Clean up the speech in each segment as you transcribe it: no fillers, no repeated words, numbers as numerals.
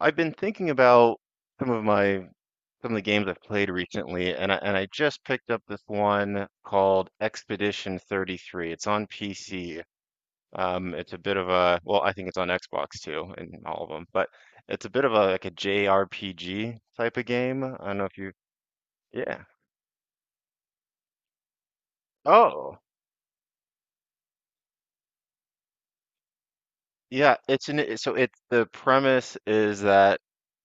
I've been thinking about some of my some of the games I've played recently, and I just picked up this one called Expedition 33. It's on PC. It's a bit of a well, I think it's on Xbox too, and all of them, but it's a bit of a JRPG type of game. I don't know if you, yeah. Oh, yeah. It's an so it's the premise is that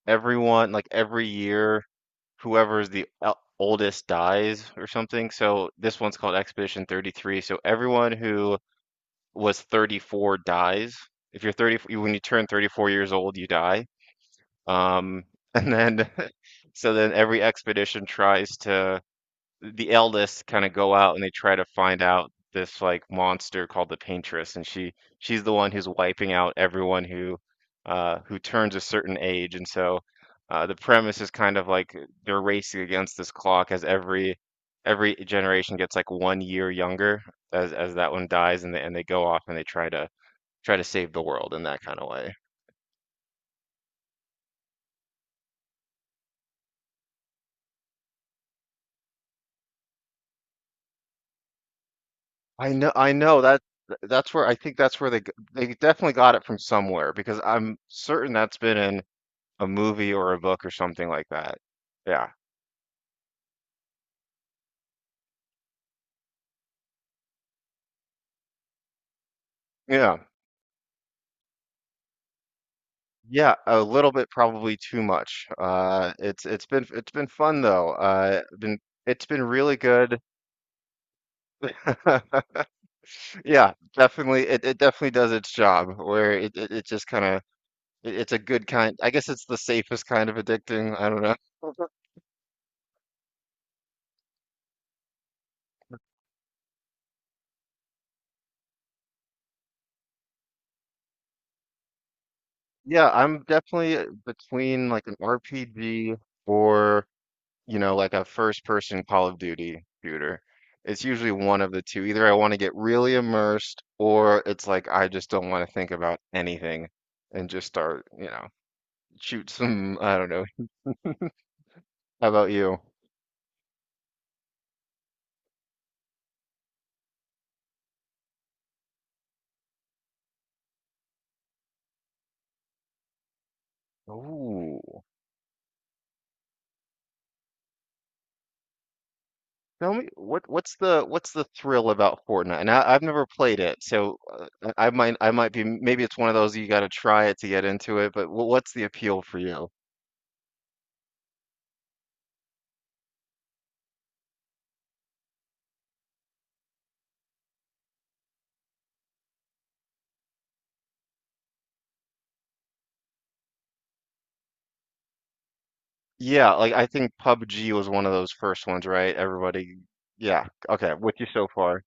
everyone like every year whoever is the oldest dies or something. So this one's called Expedition 33. So everyone who was 34 dies. If you're 30, when you turn 34 years old, you die. Um, and then, so then every expedition tries to the eldest kind of go out and they try to find out this like monster called the Paintress, and she's the one who's wiping out everyone who turns a certain age, and so the premise is kind of like they're racing against this clock as every generation gets like 1 year younger as that one dies, and they go off and they try to save the world in that kind of way. I know that that's where they they definitely got it from somewhere because I'm certain that's been in a movie or a book or something like that. Yeah. Yeah. Yeah, a little bit probably too much. It's been fun though. Been it's been really good. Yeah, definitely it definitely does its job where it just kind of it's a good kind I guess it's the safest kind of addicting. I don't know. Yeah, I'm definitely between like an RPG or you know, like a first person Call of Duty shooter. It's usually one of the two. Either I want to get really immersed or it's like I just don't want to think about anything and just start, you know, shoot some, I don't know. How about you? Ooh. Tell me what's the thrill about Fortnite? And I've never played it, so I might be maybe it's one of those you got to try it to get into it. But what's the appeal for you? Yeah, like I think PUBG was one of those first ones, right? Everybody, yeah, okay, with you so far.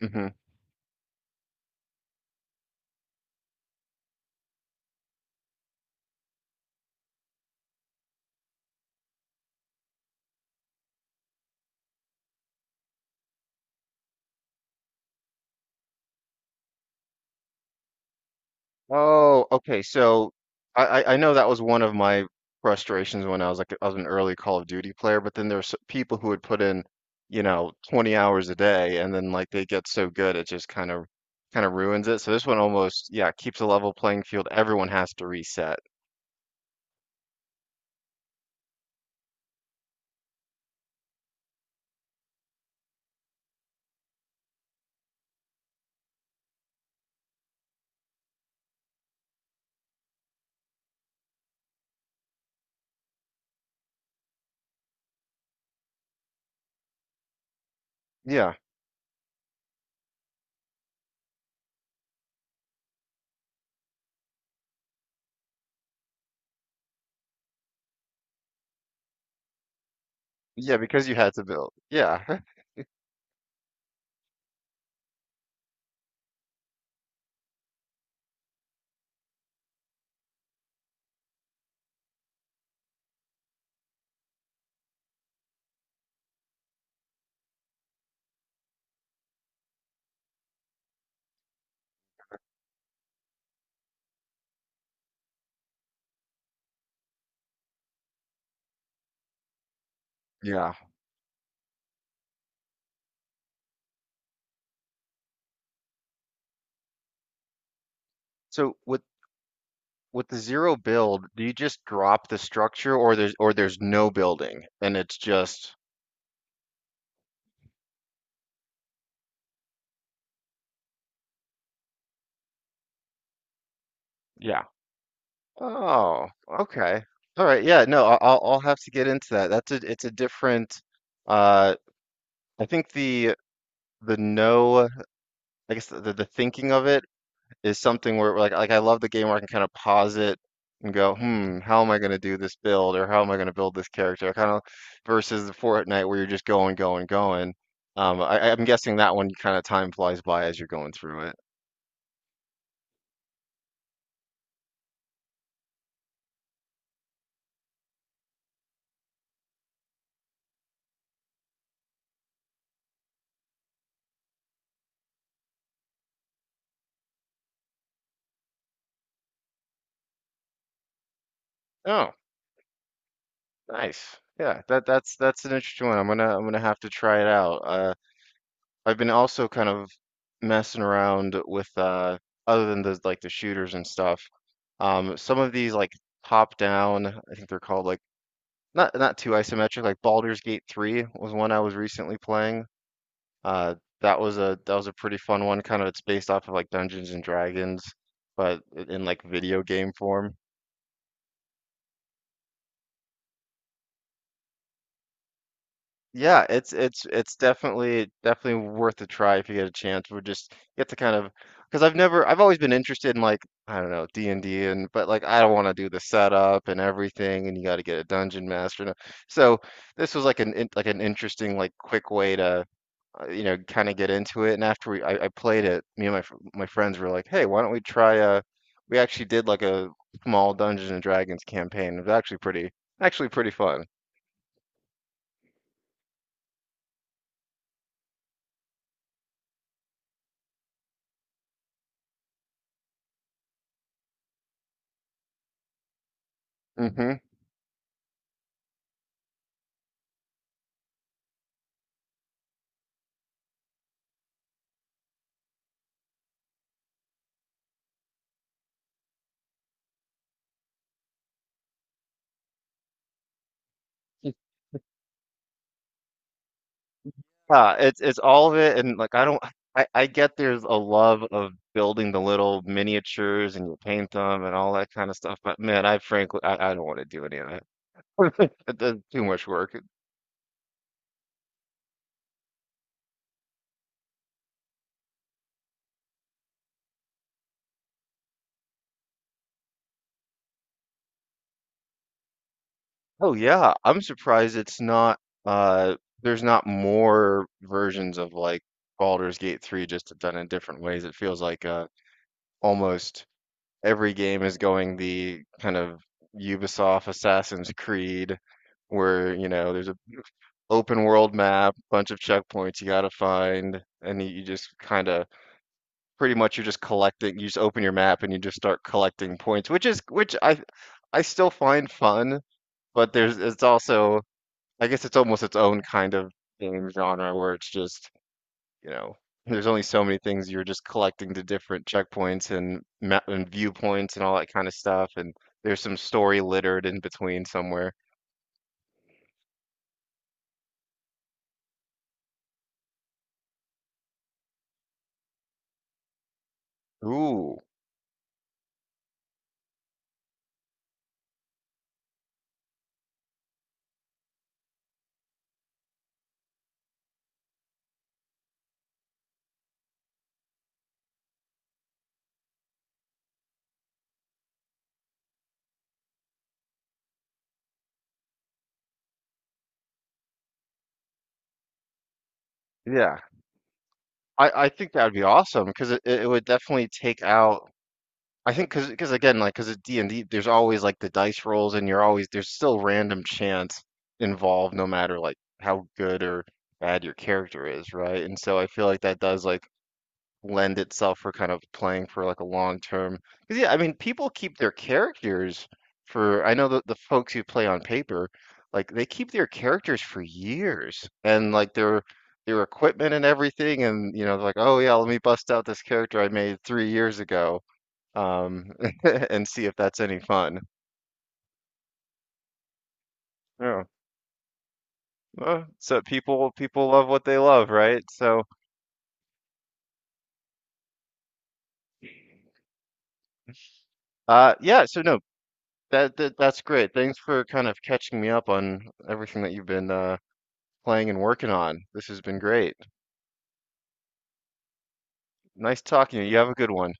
Hmm. Oh, okay. So I know that was one of my frustrations when I was like I was an early Call of Duty player, but then there's people who would put in, you know, 20 hours a day, and then like they get so good it just kind of ruins it. So this one almost, yeah, keeps a level playing field. Everyone has to reset. Yeah, yeah, because you had to build. Yeah, yeah. So with With the zero build, do you just drop the structure or there's no building and it's just yeah. Oh, okay. All right. Yeah, no, I'll have to get into that. That's a it's a different uh I think the no I guess the thinking of it is something where like I love the game where I can kind of pause it and go, hmm, how am I going to do this build or how am I going to build this character? Kind of versus the Fortnite where you're just going, going, going. I'm guessing that one kind of time flies by as you're going through it. Oh, nice. Yeah, that's an interesting one. I'm gonna have to try it out. I've been also kind of messing around with other than the like the shooters and stuff. Some of these like top down, I think they're called like not too isometric, like Baldur's Gate 3 was one I was recently playing. Uh, that was a pretty fun one. Kind of it's based off of like Dungeons and Dragons, but in like video game form. Yeah, it's definitely worth a try if you get a chance. We're just you have to kind of because I've never I've always been interested in like I don't know D&D and D and but like I don't want to do the setup and everything and you got to get a dungeon master. And so this was like like an interesting like quick way to you know, kind of get into it. And after I played it, me and my friends were like, "Hey, why don't we try a?" We actually did like a small Dungeons and Dragons campaign. It was actually pretty fun. Hmm. Yeah, it's all of it, and like I don't, I get there's a love of building the little miniatures and you paint them and all that kind of stuff, but man, I frankly, I don't want to do any of that. That's too much work. Oh yeah, I'm surprised it's not uh there's not more versions of like Baldur's Gate 3 just done in different ways. It feels like almost every game is going the kind of Ubisoft Assassin's Creed where, you know, there's a open world map, bunch of checkpoints you gotta find, and you just kind of pretty much you're just collecting, you just open your map and you just start collecting points, which is which I still find fun, but there's it's also I guess it's almost its own kind of game genre where it's just, you know, there's only so many things you're just collecting the different checkpoints and map and viewpoints and all that kind of stuff, and there's some story littered in between somewhere. Ooh, yeah. I think that would be awesome because it would definitely take out. I think because again like because at D and D there's always like the dice rolls and you're always there's still random chance involved no matter like how good or bad your character is, right? And so I feel like that does like lend itself for kind of playing for like a long term. Because yeah, I mean, people keep their characters for. I know that the folks who play on paper, like they keep their characters for years, and like their equipment and everything, and you know, they're like, oh yeah, let me bust out this character I made 3 years ago, um, and see if that's any fun. Yeah. So people love what they love, right? So yeah. So no. That's great. Thanks for kind of catching me up on everything that you've been playing and working on. This has been great. Nice talking to you. You have a good one.